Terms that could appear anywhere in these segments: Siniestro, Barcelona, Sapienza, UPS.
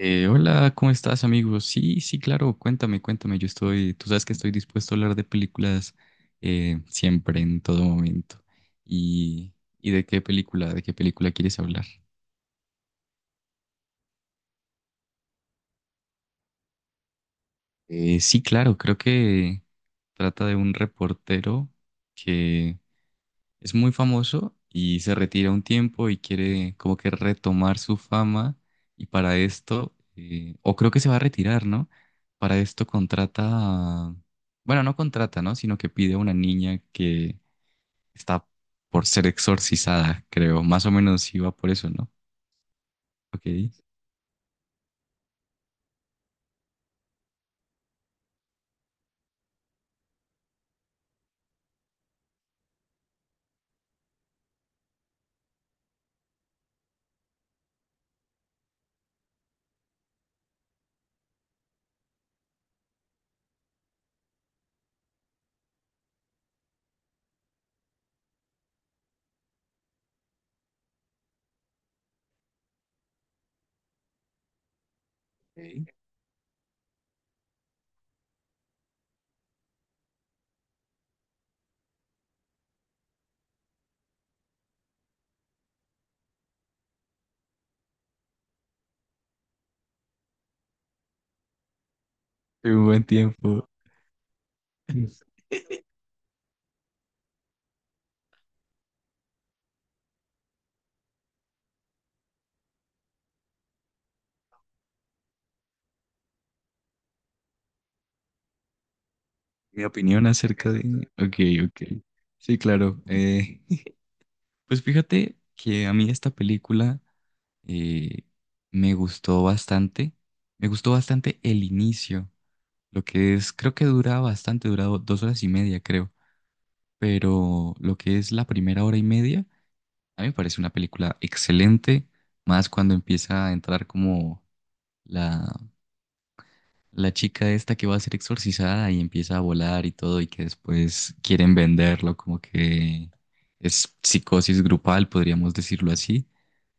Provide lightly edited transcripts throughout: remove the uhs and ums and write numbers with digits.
Hola, ¿cómo estás, amigo? Sí, sí, claro, cuéntame, cuéntame. Tú sabes que estoy dispuesto a hablar de películas, siempre, en todo momento. ¿Y, y de qué película quieres hablar? Sí, claro, creo que trata de un reportero que es muy famoso y se retira un tiempo y quiere como que retomar su fama. Y para esto, o creo que se va a retirar, ¿no? Para esto contrata, bueno, no contrata, ¿no? Sino que pide a una niña que está por ser exorcizada, creo. Más o menos iba por eso, ¿no? Ok. Ok. Un buen tiempo. Mi opinión acerca de... Ok, ok. Sí, claro. Pues fíjate que a mí esta película eh, me gustó bastante. Me gustó bastante el inicio, lo que es, creo que dura bastante, dura 2 horas y media, creo. Pero lo que es la primera hora y media, a mí me parece una película excelente, más cuando empieza a entrar como la, la chica esta que va a ser exorcizada y empieza a volar y todo, y que después quieren venderlo, como que es psicosis grupal, podríamos decirlo así.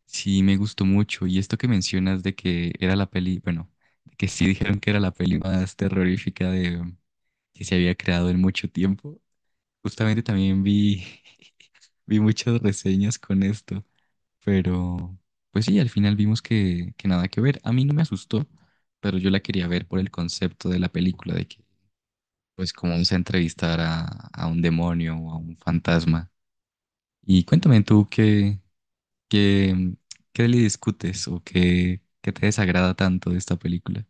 Sí, me gustó mucho. Y esto que mencionas de que era la peli, bueno, de que sí dijeron que era la peli más terrorífica que se había creado en mucho tiempo. Justamente también vi, vi muchas reseñas con esto, pero pues sí, al final vimos que nada que ver. A mí no me asustó, pero yo la quería ver por el concepto de la película, de que pues como vamos a entrevistar a un demonio o a un fantasma. Y cuéntame tú ¿Qué, qué le discutes o qué te desagrada tanto de esta película?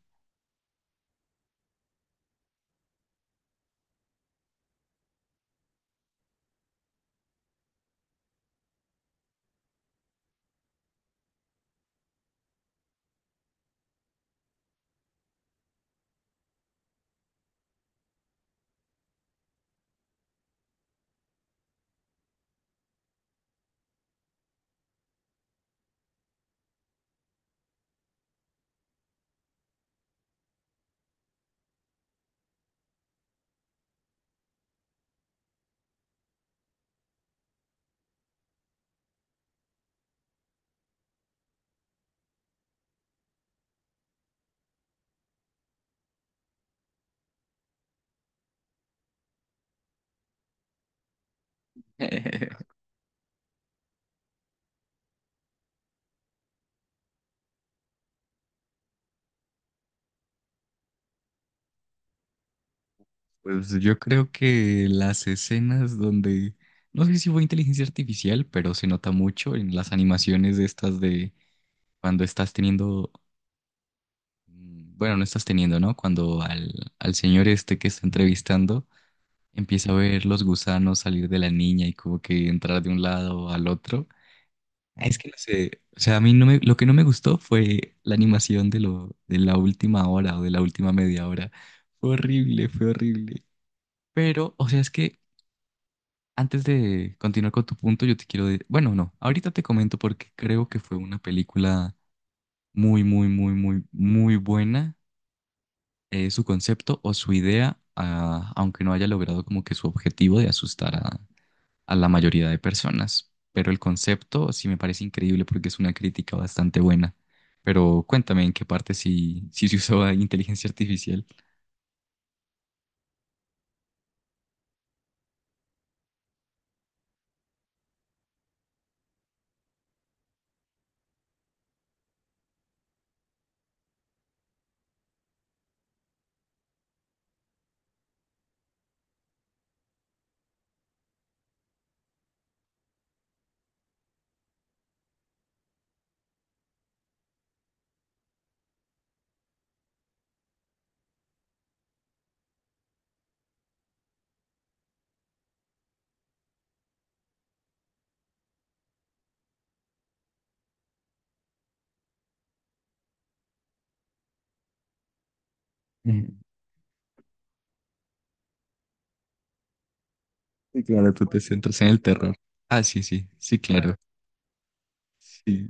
Pues yo creo que las escenas donde, no sé si fue inteligencia artificial, pero se nota mucho en las animaciones de estas de cuando estás teniendo, bueno, no estás teniendo, ¿no? Cuando al señor este que está entrevistando empieza a ver los gusanos salir de la niña y como que entrar de un lado al otro. Es que no sé, o sea, a mí no me, lo que no me gustó fue la animación de de la última hora o de la última media hora. Fue horrible, fue horrible. Pero, o sea, es que antes de continuar con tu punto, yo te quiero decir, bueno, no, ahorita te comento porque creo que fue una película muy, muy, muy, muy, muy buena, su concepto o su idea, ah, aunque no haya logrado como que su objetivo de asustar a la mayoría de personas. Pero el concepto sí me parece increíble porque es una crítica bastante buena. Pero cuéntame en qué parte sí, sí se usó la inteligencia artificial. Ujú. Sí, claro, tú te centras en el terror. Ah, sí, sí, sí, claro. Sí,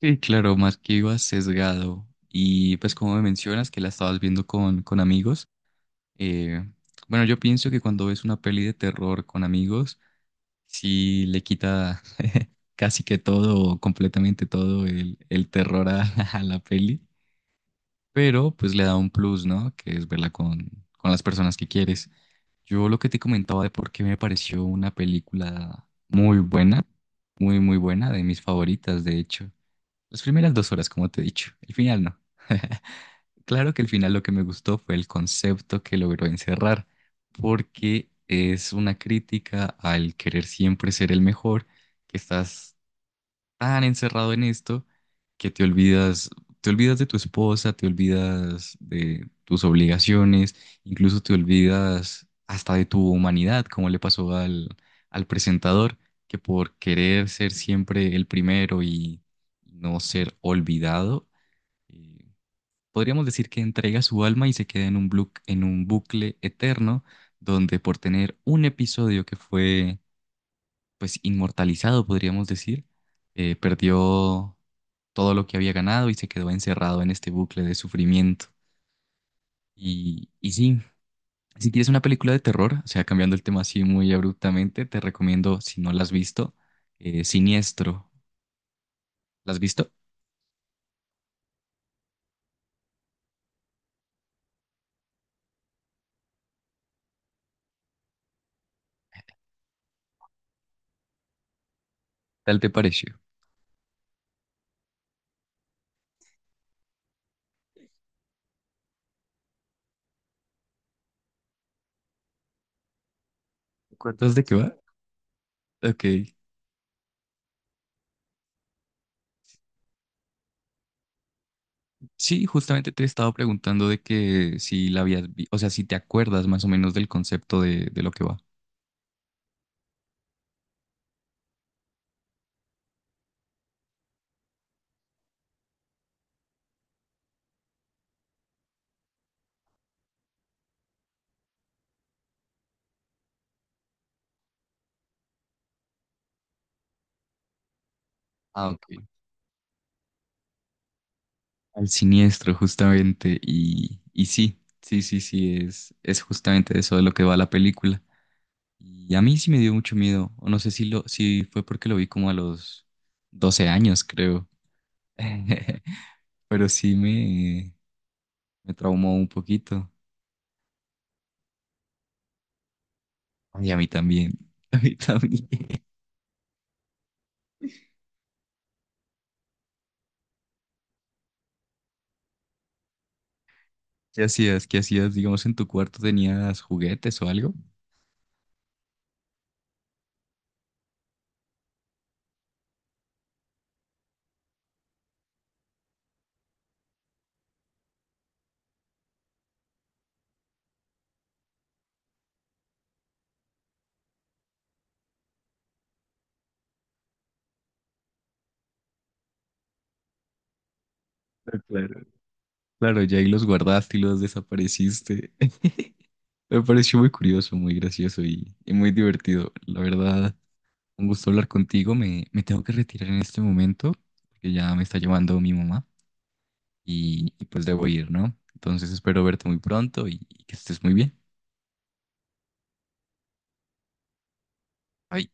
sí, claro, más que iba sesgado. Y pues como me mencionas que la estabas viendo con amigos, eh, bueno, yo pienso que cuando ves una peli de terror con amigos, sí le quita casi que todo, o completamente todo el terror a, a la peli, pero pues le da un plus, ¿no? Que es verla con las personas que quieres. Yo lo que te comentaba de por qué me pareció una película muy buena, muy, muy buena, de mis favoritas, de hecho. Las primeras 2 horas, como te he dicho, el final no. Claro que el final lo que me gustó fue el concepto que logró encerrar, porque es una crítica al querer siempre ser el mejor, que estás tan encerrado en esto que te olvidas de tu esposa, te olvidas de tus obligaciones, incluso te olvidas hasta de tu humanidad, como le pasó al presentador, que por querer ser siempre el primero y no ser olvidado, eh, podríamos decir que entrega su alma y se queda en en un bucle eterno, donde por tener un episodio que fue pues inmortalizado, podríamos decir, perdió todo lo que había ganado y se quedó encerrado en este bucle de sufrimiento. Y sí, si quieres una película de terror, o sea, cambiando el tema así muy abruptamente, te recomiendo, si no la has visto, Siniestro. ¿La has visto? ¿Qué ¿Tal te pareció? ¿Entonces de qué va? Ok. Sí, justamente te he estado preguntando de que si la habías, o sea, si te acuerdas más o menos del concepto de lo que va. Ah, ok. Al siniestro, justamente. Y sí, sí, sí, sí, es justamente de eso de lo que va la película. Y a mí sí me dio mucho miedo, o no sé si fue porque lo vi como a los 12 años, creo. Pero sí me traumó un poquito. Y a mí también. A mí también. ¿Qué hacías? ¿Qué hacías? Digamos, en tu cuarto tenías juguetes o algo. Ah, claro. Claro, ya ahí los guardaste y los desapareciste. Me pareció muy curioso, muy gracioso y muy divertido. La verdad, un gusto hablar contigo. Me tengo que retirar en este momento, porque ya me está llamando mi mamá. Y pues debo ir, ¿no? Entonces espero verte muy pronto y que estés muy bien. Bye.